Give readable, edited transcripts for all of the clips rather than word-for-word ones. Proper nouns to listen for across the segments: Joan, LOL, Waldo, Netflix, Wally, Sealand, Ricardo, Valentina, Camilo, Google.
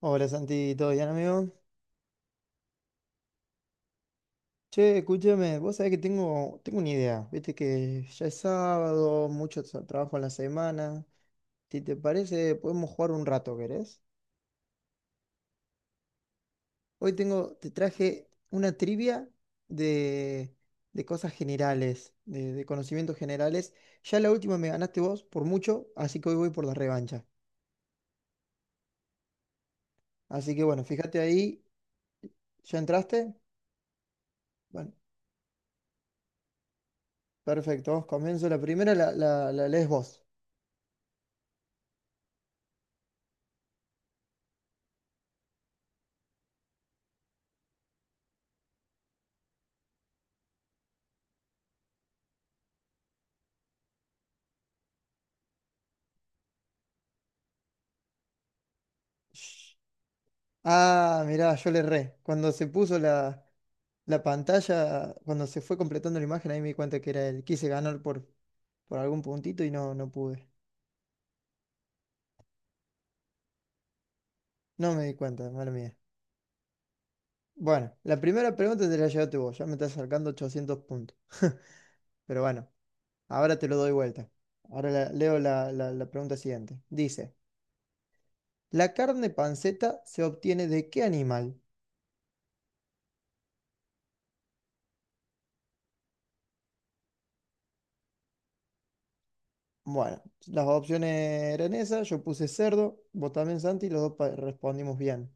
Hola Santi, ¿todo bien amigo? Che, escúchame, vos sabés que tengo una idea, viste que ya es sábado, mucho trabajo en la semana, si te parece podemos jugar un rato, ¿querés? Hoy tengo, te traje una trivia de, de cosas generales, de conocimientos generales, ya la última me ganaste vos por mucho, así que hoy voy por la revancha, así que bueno, fíjate ahí, ¿ya entraste? Bueno, perfecto, comienzo la primera, la lees vos. Ah, mirá, yo le erré. Cuando se puso la pantalla, cuando se fue completando la imagen, ahí me di cuenta que era él. Quise ganar por algún puntito y no, no pude. No me di cuenta, mala mía. Bueno, la primera pregunta te la llevaste vos. Ya me estás sacando 800 puntos. Pero bueno, ahora te lo doy vuelta. Ahora leo la, la pregunta siguiente. Dice, ¿la carne panceta se obtiene de qué animal? Bueno, las opciones eran esas, yo puse cerdo, vos también Santi, y los dos respondimos bien.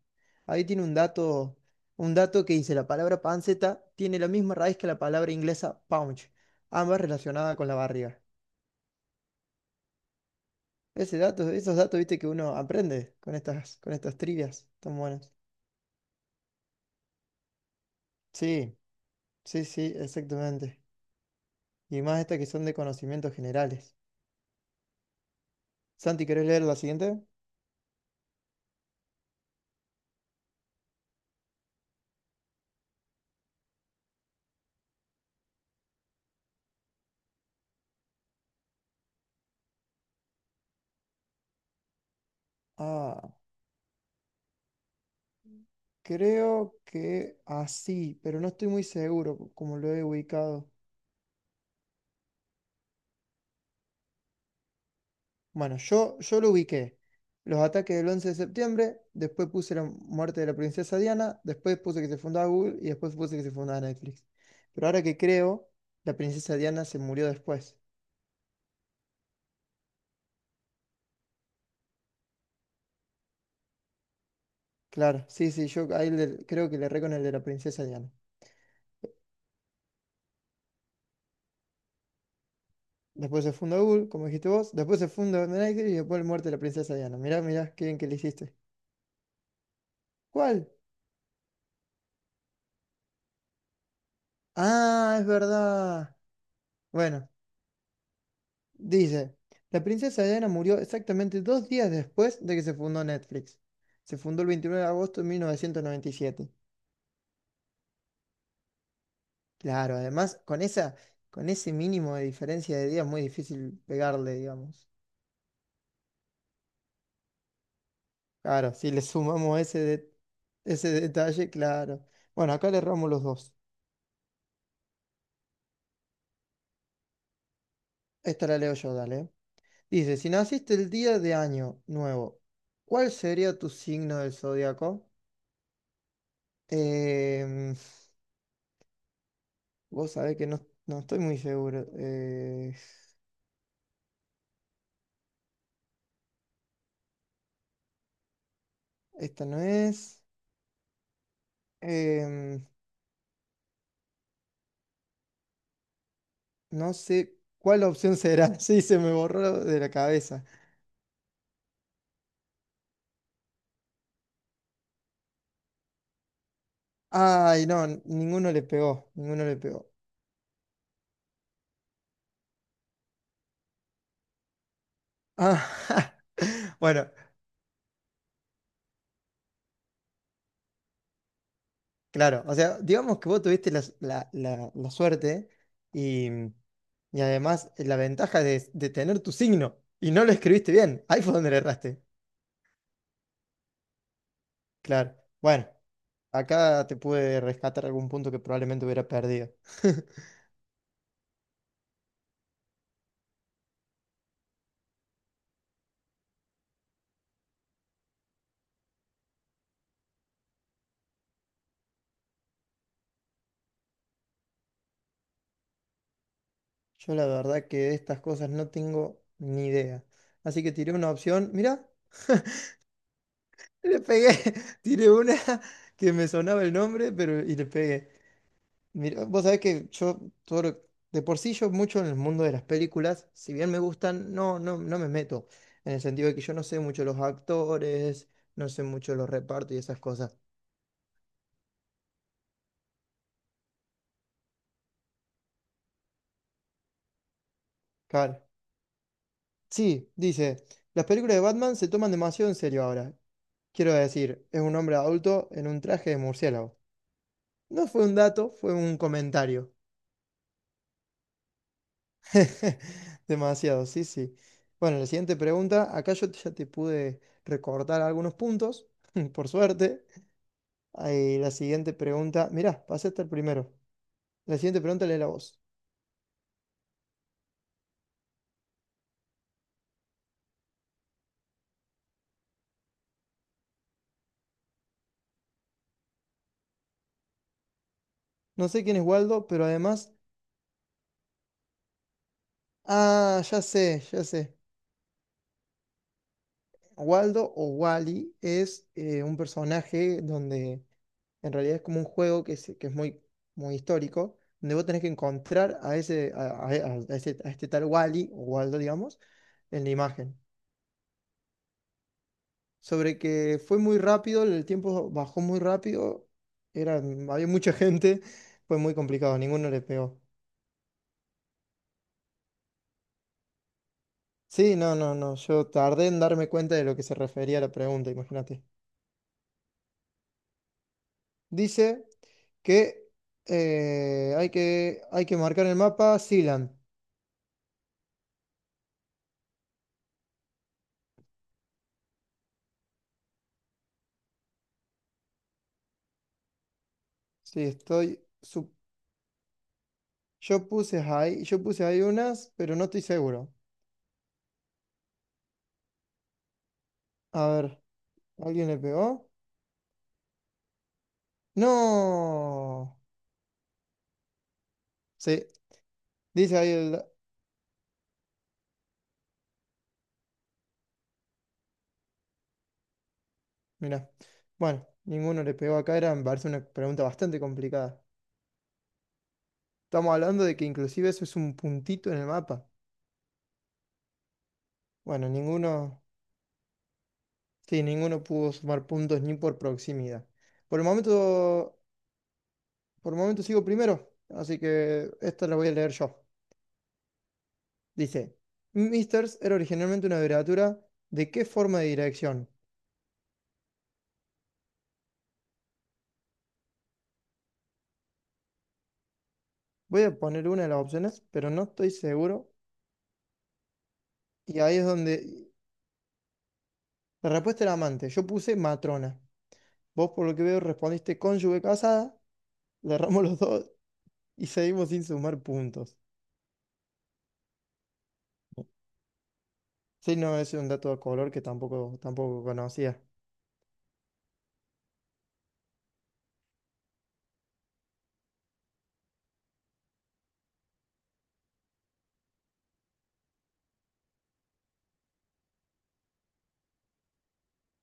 Ahí tiene un dato que dice, la palabra panceta tiene la misma raíz que la palabra inglesa punch, ambas relacionadas con la barriga. Ese dato, esos datos, viste, que uno aprende con estas trivias tan buenas. Sí, sí, sí, exactamente. Y más estas que son de conocimientos generales. Santi, ¿querés leer la siguiente? Ah. Creo que así, pero no estoy muy seguro como lo he ubicado. Bueno, yo lo ubiqué. Los ataques del 11 de septiembre, después puse la muerte de la princesa Diana, después puse que se fundaba Google y después puse que se fundaba Netflix. Pero ahora que creo, la princesa Diana se murió después. Claro, sí, sí, yo ahí creo que le erré con el de la princesa Diana. Después se funda Google, como dijiste vos, después se funda Netflix y después la muerte de la princesa Diana. Mirá, mirá, qué bien que le hiciste. ¿Cuál? Ah, es verdad. Bueno, dice, la princesa Diana murió exactamente dos días después de que se fundó Netflix. Se fundó el 29 de agosto de mil novecientos noventa y siete. Claro, además, con esa, con ese mínimo de diferencia de días, es muy difícil pegarle, digamos. Claro, si le sumamos ese detalle, claro. Bueno, acá le erramos los dos. Esta la leo yo, dale. Dice, si naciste el día de año nuevo, ¿cuál sería tu signo del zodiaco? Eh, Vos sabés que no, no estoy muy seguro. Esta no es. Em, no sé cuál opción será. Sí, se me borró de la cabeza. Ay, no, ninguno le pegó. Ninguno le pegó. Ah, bueno, claro. O sea, digamos que vos tuviste la suerte y, mm, y además la ventaja de tener tu signo y no lo escribiste bien. Ahí fue donde le erraste. Claro. Bueno, acá te pude rescatar algún punto que probablemente hubiera perdido. Yo la verdad que de estas cosas no tengo ni idea. Así que tiré una opción. Mira, le pegué. Tiré una que me sonaba el nombre, pero y le pegué. Mira, vos sabés que yo todo lo- de por sí yo mucho en el mundo de las películas, si bien me gustan, no, no, no me meto. En el sentido de que yo no sé mucho los actores, no sé mucho los repartos y esas cosas. Claro. Sí, dice, las películas de Batman se toman demasiado en serio ahora. Quiero decir, es un hombre adulto en un traje de murciélago. No fue un dato, fue un comentario. Demasiado, sí, sí. Bueno, la siguiente pregunta. Acá yo ya te pude recortar algunos puntos, por suerte. Ahí, la siguiente pregunta. Mirá, pasé hasta el primero. La siguiente pregunta lee la voz. No sé quién es Waldo, pero además. Ah, ya sé, ya sé. Waldo o Wally es un personaje donde en realidad es como un juego que es muy, muy histórico, donde vos tenés que encontrar a ese, a ese- a este tal Wally o Waldo, digamos, en la imagen. Sobre que fue muy rápido, el tiempo bajó muy rápido, eran, había mucha gente, fue muy complicado, ninguno le pegó. Sí, no, no, no, yo tardé en darme cuenta de lo que se refería a la pregunta, imagínate. Dice... que hay que marcar en el mapa Sealand. Sí, estoy. Yo puse ahí unas, pero no estoy seguro. A ver, ¿alguien le pegó? ¡No! Sí, dice ahí el. Mira. Bueno, ninguno le pegó acá, era, me parece una pregunta bastante complicada. Estamos hablando de que inclusive eso es un puntito en el mapa. Bueno, ninguno. Sí, ninguno pudo sumar puntos ni por proximidad. Por el momento. Por el momento sigo primero, así que esta la voy a leer yo. Dice, Misters era originalmente una abreviatura de qué forma de dirección. Voy a poner una de las opciones, pero no estoy seguro. Y ahí es donde la respuesta era amante. Yo puse matrona. Vos, por lo que veo, respondiste cónyuge casada. Le erramos los dos y seguimos sin sumar puntos. Sí, no, es un dato de color que tampoco conocía.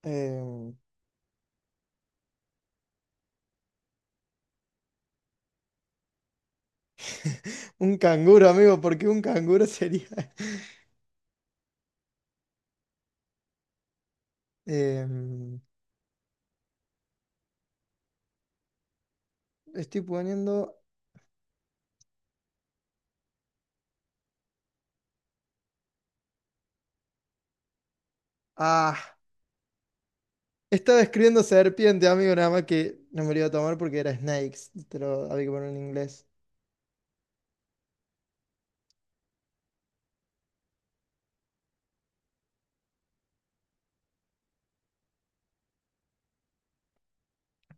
Em, un canguro, amigo, porque un canguro sería... Em, estoy poniendo. Ah, estaba escribiendo serpiente, amigo, nada más que no me lo iba a tomar porque era snakes, te lo había que poner en inglés.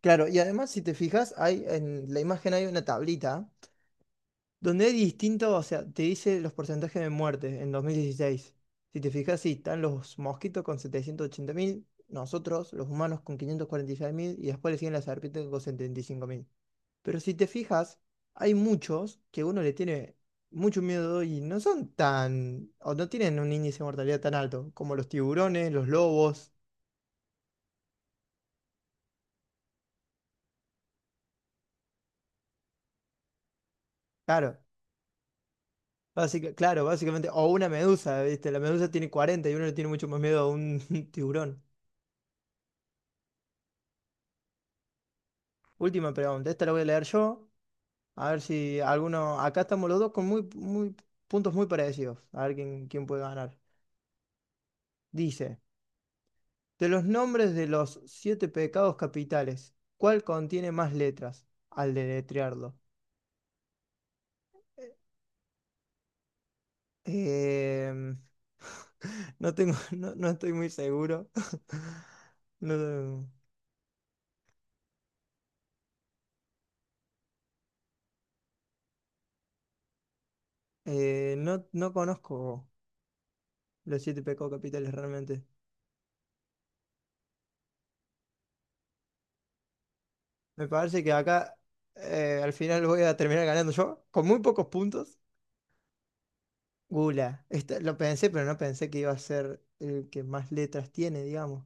Claro, y además si te fijas, hay en la imagen hay una tablita donde hay distintos, o sea, te dice los porcentajes de muerte en 2016. Si te fijas, sí, están los mosquitos con 780.000, nosotros, los humanos, con quinientos cuarenta y seis mil y después le siguen las serpientes con 75.000. Pero si te fijas, hay muchos que uno le tiene mucho miedo y no son tan, o no tienen un índice de mortalidad tan alto, como los tiburones, los lobos, claro, claro, básicamente, o una medusa, ¿viste? La medusa tiene 40 y uno le tiene mucho más miedo a un tiburón. Última pregunta, esta la voy a leer yo, a ver si alguno, acá estamos los dos con puntos muy parecidos, a ver quién, quién puede ganar. Dice, de los nombres de los siete pecados capitales, ¿cuál contiene más letras al deletrearlo? Em, no tengo, no, no estoy muy seguro. No, no, no conozco los siete pecados capitales realmente. Me parece que acá al final voy a terminar ganando yo con muy pocos puntos. Gula. Esta- lo pensé, pero no pensé que iba a ser el que más letras tiene, digamos.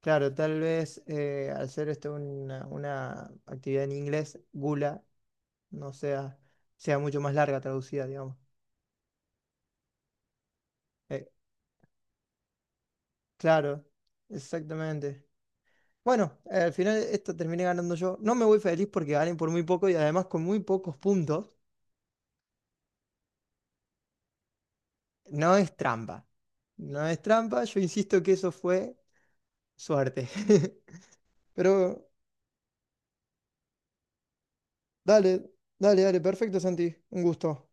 Claro, tal vez al ser esto una actividad en inglés, gula no sea, sea mucho más larga traducida, digamos. Eh, claro, exactamente. Bueno, al final esto terminé ganando yo. No me voy feliz porque gané por muy poco y además con muy pocos puntos. No es trampa. No es trampa, yo insisto que eso fue suerte. Pero dale, dale, dale, perfecto, Santi. Un gusto.